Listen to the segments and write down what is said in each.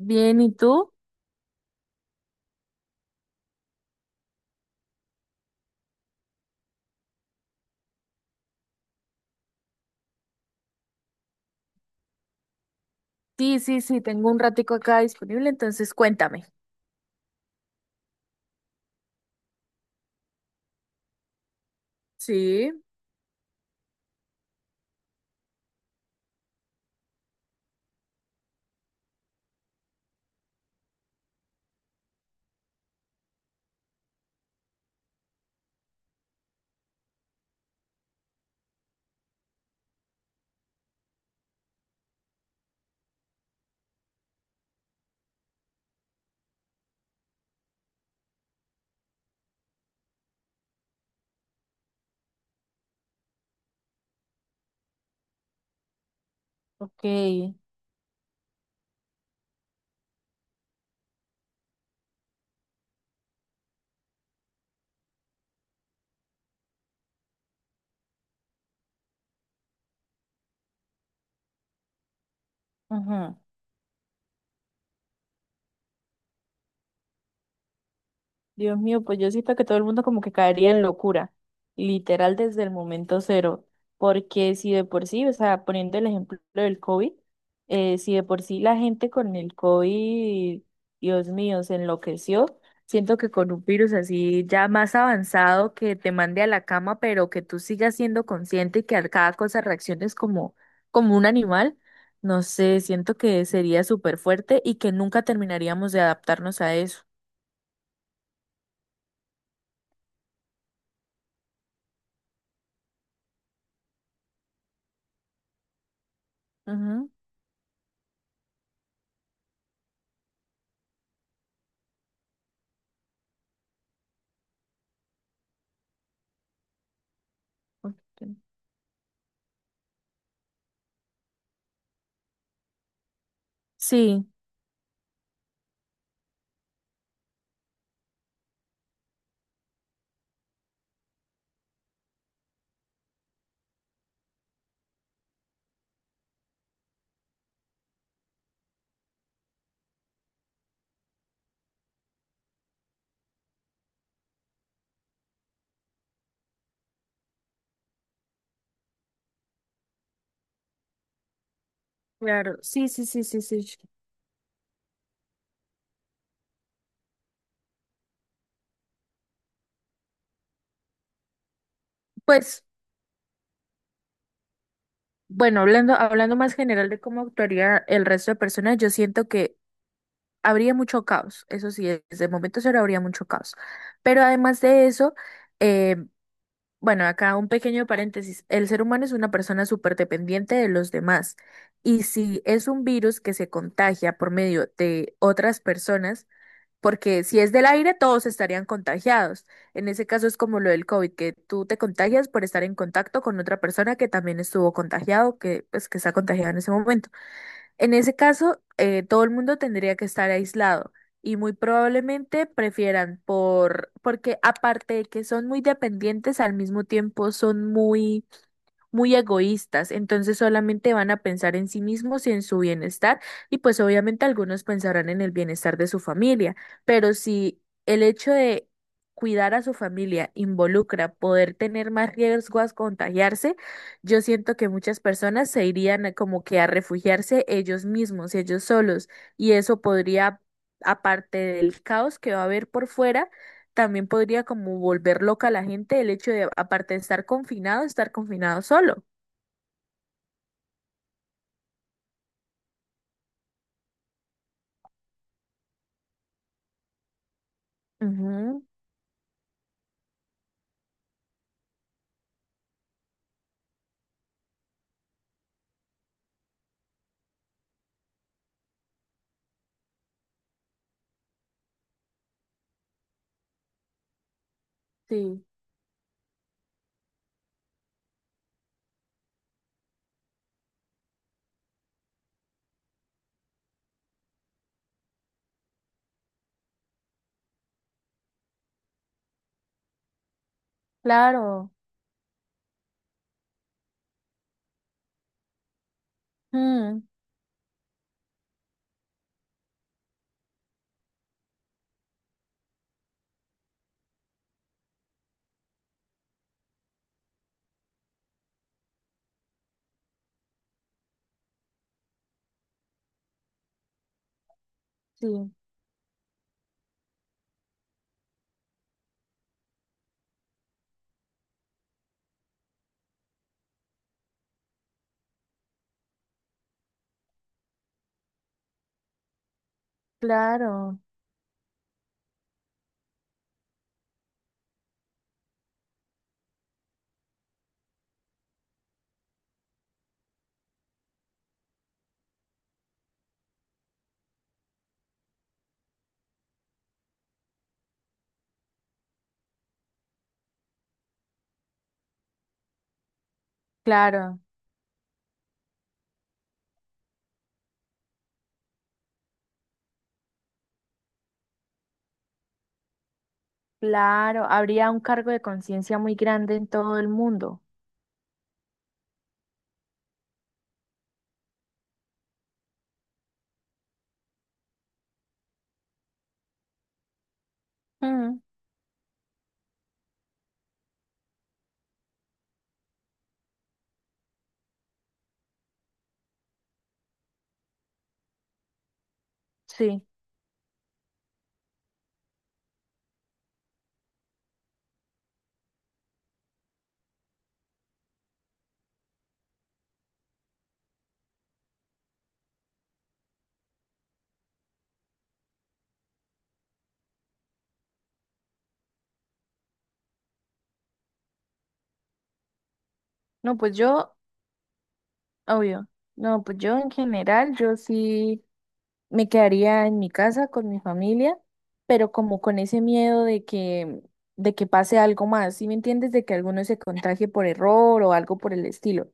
Bien, ¿y tú? Sí, sí, sí, tengo un ratico acá disponible, entonces cuéntame. Sí. Ok, ujú. Dios mío, pues yo siento que todo el mundo como que caería en locura, literal desde el momento cero, porque si de por sí, o sea, poniendo el ejemplo del COVID, si de por sí la gente con el COVID, Dios mío, se enloqueció, siento que con un virus así ya más avanzado que te mande a la cama, pero que tú sigas siendo consciente y que a cada cosa reacciones como, como un animal, no sé, siento que sería súper fuerte y que nunca terminaríamos de adaptarnos a eso. Ok. Sí, claro, sí, sí, sí, sí, sí. Pues, bueno, hablando más general de cómo actuaría el resto de personas, yo siento que habría mucho caos, eso sí, desde el momento cero habría mucho caos. Pero además de eso, eh, bueno, acá un pequeño paréntesis, el ser humano es una persona súper dependiente de los demás y si es un virus que se contagia por medio de otras personas, porque si es del aire, todos estarían contagiados. En ese caso es como lo del COVID, que tú te contagias por estar en contacto con otra persona que también estuvo contagiado, que pues que está contagiada en ese momento. En ese caso, todo el mundo tendría que estar aislado y muy probablemente prefieran por, porque aparte de que son muy dependientes, al mismo tiempo son muy muy egoístas, entonces solamente van a pensar en sí mismos y en su bienestar, y pues obviamente algunos pensarán en el bienestar de su familia, pero si el hecho de cuidar a su familia involucra poder tener más riesgo a contagiarse, yo siento que muchas personas se irían a- como que a refugiarse ellos mismos, ellos solos, y eso podría, aparte del caos que va a haber por fuera, también podría como volver loca a la gente el hecho de, aparte de estar confinado solo. Ujú. Sí, claro. Mm, sí, claro, claro, claro. Habría un cargo de conciencia muy grande en todo el mundo. Mm, sí. No, pues yo, obvio. No, pues yo en general, yo sí me quedaría en mi casa con mi familia, pero como con ese miedo de que pase algo más, ¿sí me entiendes? De que alguno se contagie por error o algo por el estilo.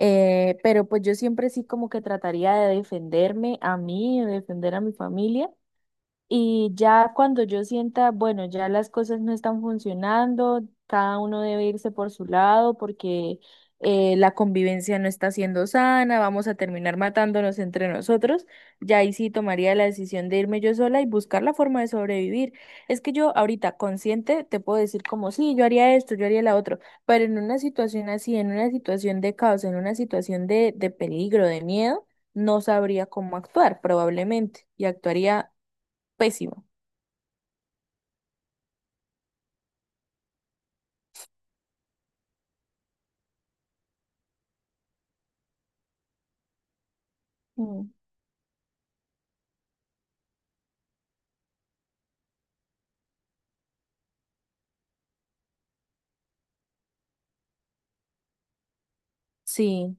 Pero pues yo siempre sí como que trataría de defenderme a mí, de defender a mi familia. Y ya cuando yo sienta, bueno, ya las cosas no están funcionando, cada uno debe irse por su lado porque la convivencia no está siendo sana, vamos a terminar matándonos entre nosotros, ya ahí sí tomaría la decisión de irme yo sola y buscar la forma de sobrevivir. Es que yo ahorita consciente te puedo decir como, sí, yo haría esto, yo haría la otro, pero en una situación así, en una situación de caos, en una situación de peligro, de miedo, no sabría cómo actuar probablemente y actuaría pésimo. Mm, sí,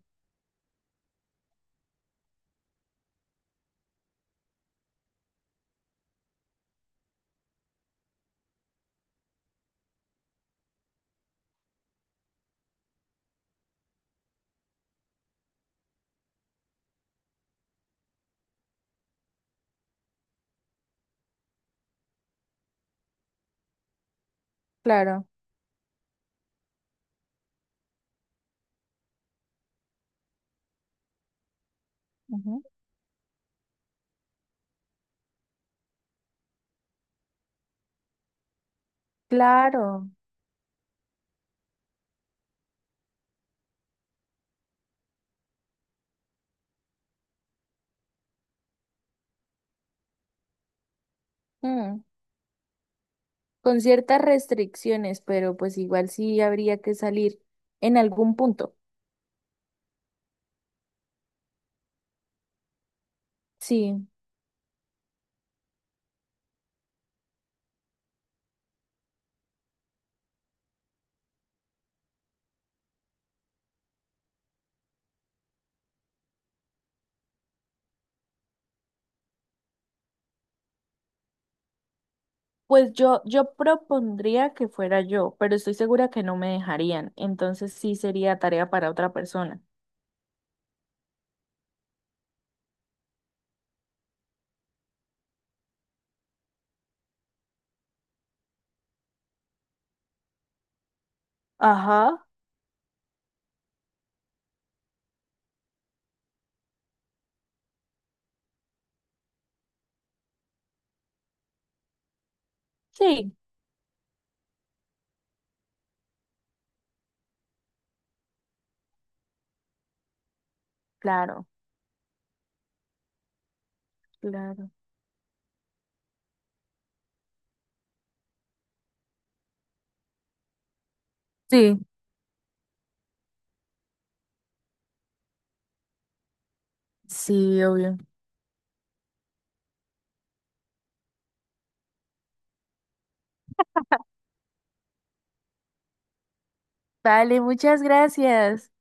claro, ujú, claro, mm. Con ciertas restricciones, pero pues igual sí habría que salir en algún punto. Sí, pues yo propondría que fuera yo, pero estoy segura que no me dejarían, entonces sí sería tarea para otra persona. Ajá. Sí, claro, claro. Sí, sí, obvio. Vale, muchas gracias.